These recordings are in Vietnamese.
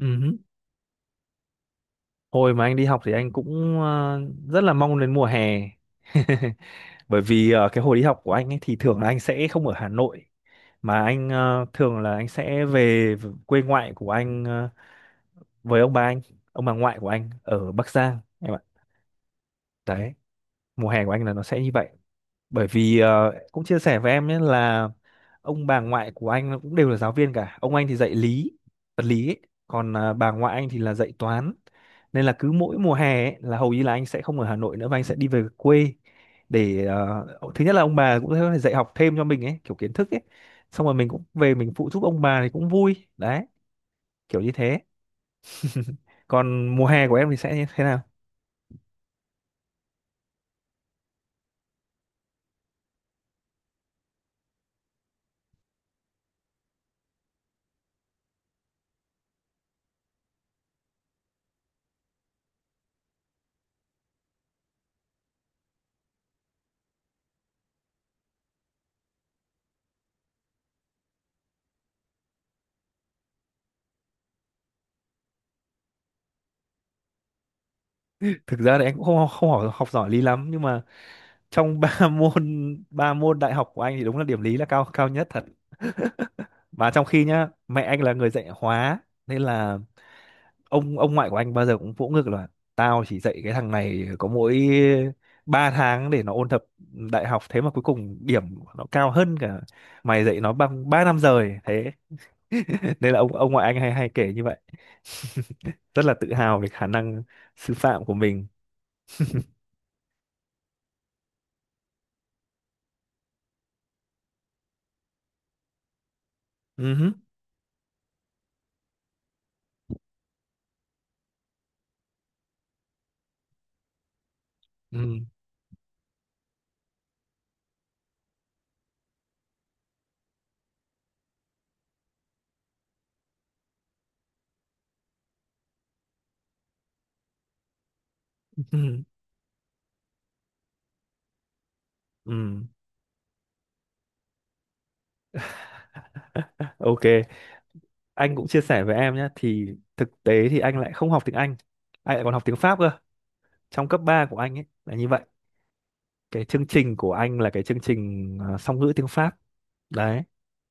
Ừ. Hồi mà anh đi học thì anh cũng rất là mong đến mùa hè. Bởi vì cái hồi đi học của anh ấy thì thường là anh sẽ không ở Hà Nội, mà anh thường là anh sẽ về quê ngoại của anh, với ông bà anh, ông bà ngoại của anh ở Bắc Giang em ạ. Đấy, mùa hè của anh là nó sẽ như vậy. Bởi vì cũng chia sẻ với em nhé là ông bà ngoại của anh cũng đều là giáo viên cả, ông anh thì dạy lý, vật lý ấy. Còn bà ngoại anh thì là dạy toán, nên là cứ mỗi mùa hè ấy, là hầu như là anh sẽ không ở Hà Nội nữa và anh sẽ đi về quê để thứ nhất là ông bà cũng có thể dạy học thêm cho mình ấy, kiểu kiến thức ấy, xong rồi mình cũng về mình phụ giúp ông bà thì cũng vui đấy, kiểu như thế. Còn mùa hè của em thì sẽ như thế nào? Thực ra thì em cũng không không học giỏi lý lắm, nhưng mà trong ba môn ba môn đại học của anh thì đúng là điểm lý là cao cao nhất thật. Mà trong khi nhá, mẹ anh là người dạy hóa, nên là ông ngoại của anh bao giờ cũng vỗ ngực là tao chỉ dạy cái thằng này có mỗi 3 tháng để nó ôn tập đại học, thế mà cuối cùng điểm của nó cao hơn cả mày dạy nó bằng 3 năm rời thế. Nên là ông ngoại anh hay hay kể như vậy. Rất là tự hào về khả năng sư phạm của mình. Ừ hứ, ừ, ừ, ừ. OK, anh cũng chia sẻ với em nhé. Thì thực tế thì anh lại không học tiếng Anh lại còn học tiếng Pháp cơ. Trong cấp 3 của anh ấy là như vậy, cái chương trình của anh là cái chương trình song ngữ tiếng Pháp. Đấy,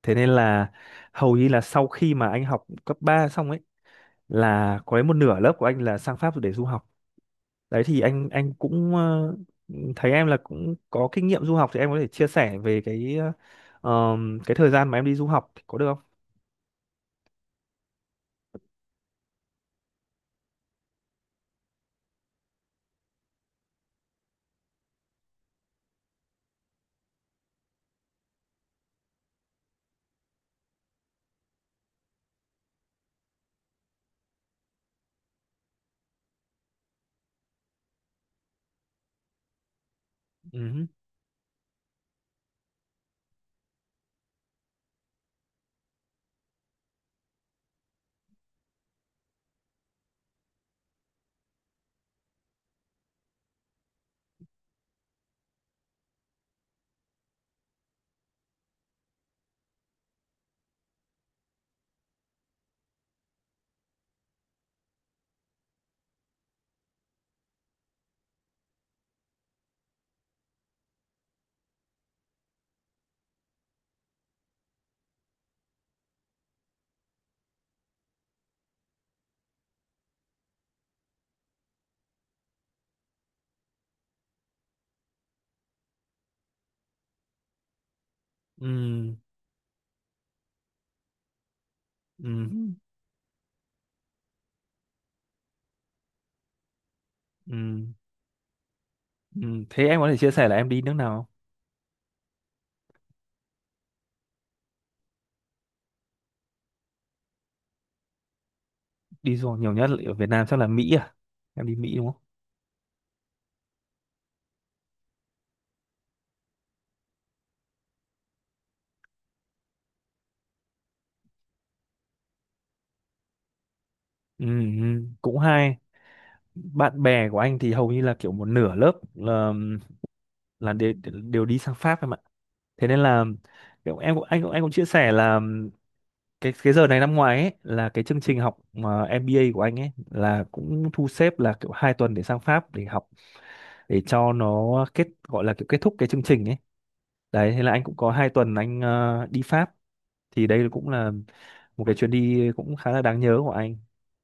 thế nên là hầu như là sau khi mà anh học cấp 3 xong ấy là có đến một nửa lớp của anh là sang Pháp để du học. Đấy, thì anh cũng thấy em là cũng có kinh nghiệm du học, thì em có thể chia sẻ về cái thời gian mà em đi du học có được không? Ừ, ừ, ừ, ừ. Ừ, thế em có thể chia sẻ là em đi nước nào không? Đi du học nhiều nhất ở Việt Nam chắc là Mỹ à? Em đi Mỹ đúng không? Ừ, ừ, cũng hay. Bạn bè của anh thì hầu như là kiểu một nửa lớp là đều đi sang Pháp em ạ. Thế nên là kiểu em cũng anh cũng anh cũng chia sẻ là cái giờ này năm ngoái ấy, là cái chương trình học mà MBA của anh ấy là cũng thu xếp là kiểu 2 tuần để sang Pháp để học, để cho nó kết, gọi là kiểu kết thúc cái chương trình ấy. Đấy, thế là anh cũng có 2 tuần anh đi Pháp, thì đây cũng là một cái chuyến đi cũng khá là đáng nhớ của anh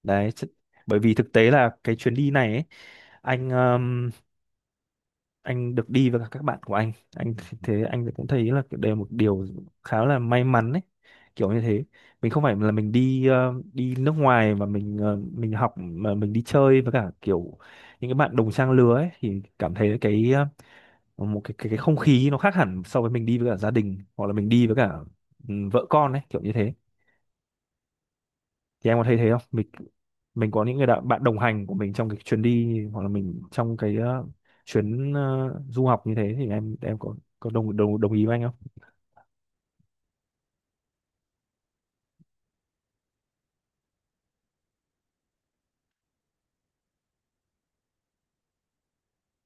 đấy Bởi vì thực tế là cái chuyến đi này ấy, anh um, anh được đi với cả các bạn của anh. Thế anh cũng thấy là đây là một điều khá là may mắn ấy, kiểu như thế. Mình không phải là mình đi nước ngoài mà mình học, mà mình đi chơi với cả kiểu những cái bạn đồng trang lứa ấy, thì cảm thấy cái một cái không khí nó khác hẳn so với mình đi với cả gia đình hoặc là mình đi với cả, ừ, vợ con ấy, kiểu như thế. Thì em có thấy thế không mình có những người bạn đồng hành của mình trong cái chuyến đi, hoặc là mình trong cái chuyến du học như thế, thì em có đồng đồng đồng ý với anh không?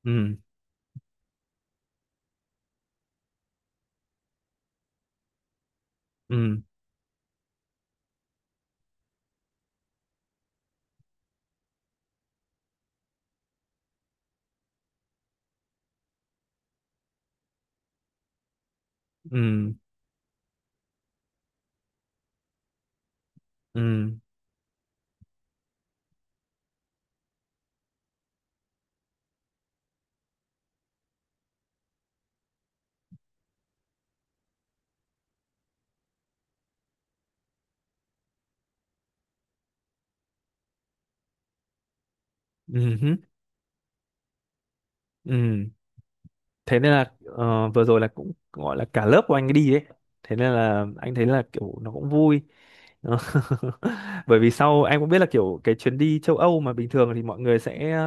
Ừ, ừ, ừ, ừ, ừ hứ, ừ. Thế nên là vừa rồi là cũng gọi là cả lớp của anh đi đấy, thế nên là anh thấy là kiểu nó cũng vui. Bởi vì sau em cũng biết là kiểu cái chuyến đi châu Âu mà bình thường thì mọi người sẽ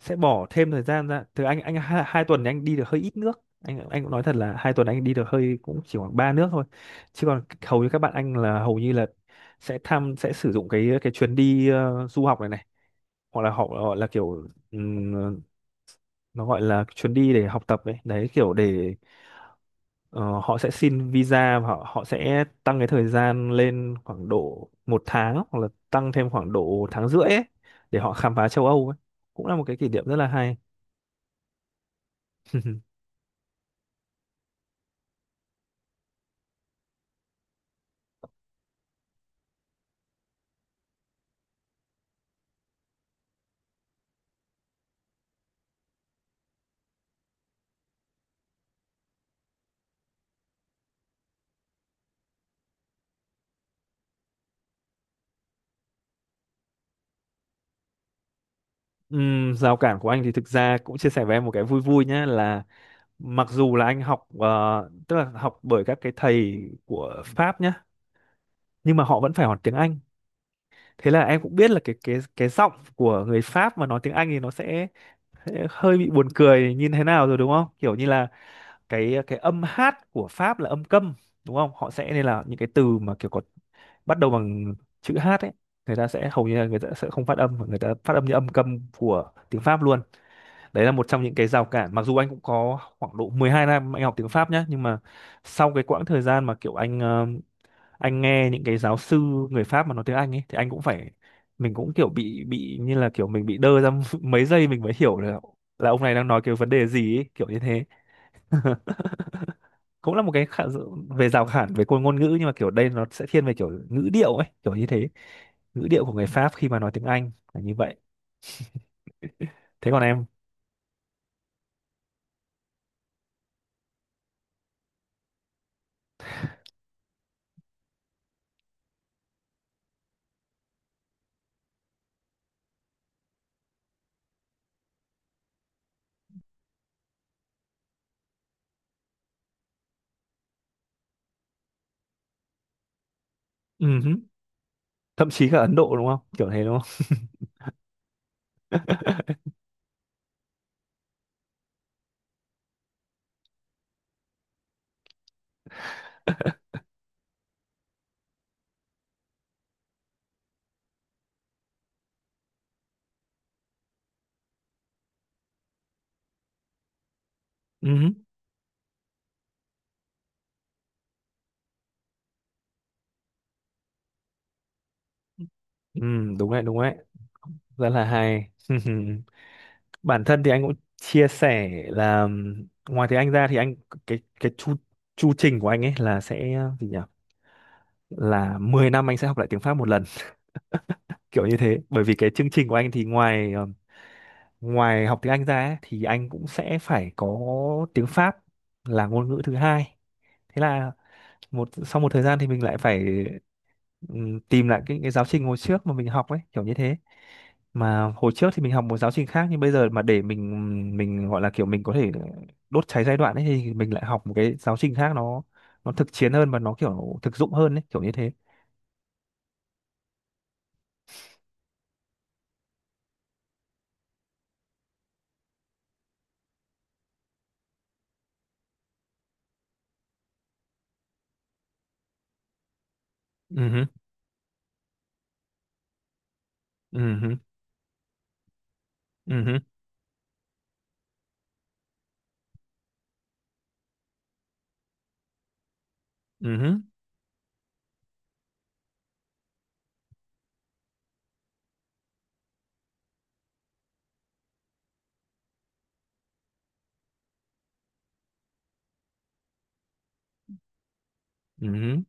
sẽ bỏ thêm thời gian ra. Từ anh hai tuần thì anh đi được hơi ít nước. Anh cũng nói thật là 2 tuần anh đi được hơi cũng chỉ khoảng ba nước thôi, chứ còn hầu như các bạn anh là hầu như là sẽ tham, sẽ sử dụng cái chuyến đi du học này này hoặc là họ gọi là kiểu nó gọi là chuyến đi để học tập ấy đấy, kiểu để ờ, họ sẽ xin visa, và họ họ sẽ tăng cái thời gian lên khoảng độ 1 tháng hoặc là tăng thêm khoảng độ tháng rưỡi ấy để họ khám phá châu Âu ấy, cũng là một cái kỷ niệm rất là hay. Rào cản của anh thì thực ra cũng chia sẻ với em một cái vui vui nhé. Là mặc dù là anh học tức là học bởi các cái thầy của Pháp nhé, nhưng mà họ vẫn phải học tiếng Anh. Thế là em cũng biết là cái giọng của người Pháp mà nói tiếng Anh thì nó sẽ hơi bị buồn cười như thế nào rồi đúng không, kiểu như là cái âm hát của Pháp là âm câm đúng không. Họ sẽ, nên là những cái từ mà kiểu có bắt đầu bằng chữ hát ấy, người ta sẽ hầu như là người ta sẽ không phát âm mà người ta phát âm như âm câm của tiếng Pháp luôn. Đấy là một trong những cái rào cản, mặc dù anh cũng có khoảng độ 12 năm anh học tiếng Pháp nhé, nhưng mà sau cái quãng thời gian mà kiểu anh nghe những cái giáo sư người Pháp mà nói tiếng Anh ấy thì anh cũng phải, mình cũng kiểu bị như là kiểu mình bị đơ ra mấy giây mình mới hiểu là ông này đang nói cái vấn đề gì ấy, kiểu như thế. Cũng là về rào cản về ngôn ngôn ngữ, nhưng mà kiểu đây nó sẽ thiên về kiểu ngữ điệu ấy, kiểu như thế. Ngữ điệu của người Pháp khi mà nói tiếng Anh là như vậy. Thế còn em? Ừ hứ. Thậm chí cả Ấn Độ đúng không, kiểu thế đúng không? Ừ, ừ, đúng đấy, rất là hay. Bản thân thì anh cũng chia sẻ là ngoài tiếng Anh ra thì anh, cái chu chu trình của anh ấy là sẽ gì nhỉ? Là 10 năm anh sẽ học lại tiếng Pháp một lần, kiểu như thế. Bởi vì cái chương trình của anh thì ngoài ngoài học tiếng Anh ra ấy, thì anh cũng sẽ phải có tiếng Pháp là ngôn ngữ thứ hai. Thế là sau một thời gian thì mình lại phải tìm lại cái giáo trình hồi trước mà mình học ấy, kiểu như thế. Mà hồi trước thì mình học một giáo trình khác, nhưng bây giờ mà để mình gọi là kiểu mình có thể đốt cháy giai đoạn ấy thì mình lại học một cái giáo trình khác, nó thực chiến hơn và nó kiểu thực dụng hơn ấy, kiểu như thế. Ừ hứ, ừ hứ, ừ hứ, ừ hứ, ừ hứ.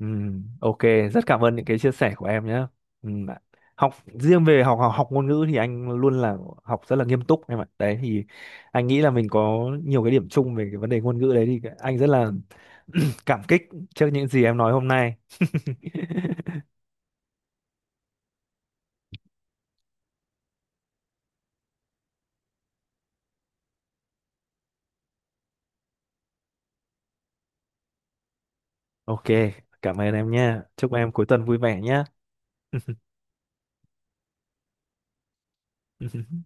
Ừ, OK, rất cảm ơn những cái chia sẻ của em nhé. Ừ, ạ. Học riêng về học, học học ngôn ngữ thì anh luôn là học rất là nghiêm túc em ạ. Đấy thì anh nghĩ là mình có nhiều cái điểm chung về cái vấn đề ngôn ngữ đấy, thì anh rất là cảm kích trước những gì em nói hôm nay. OK, cảm ơn em nha. Chúc em cuối tuần vui vẻ nhé.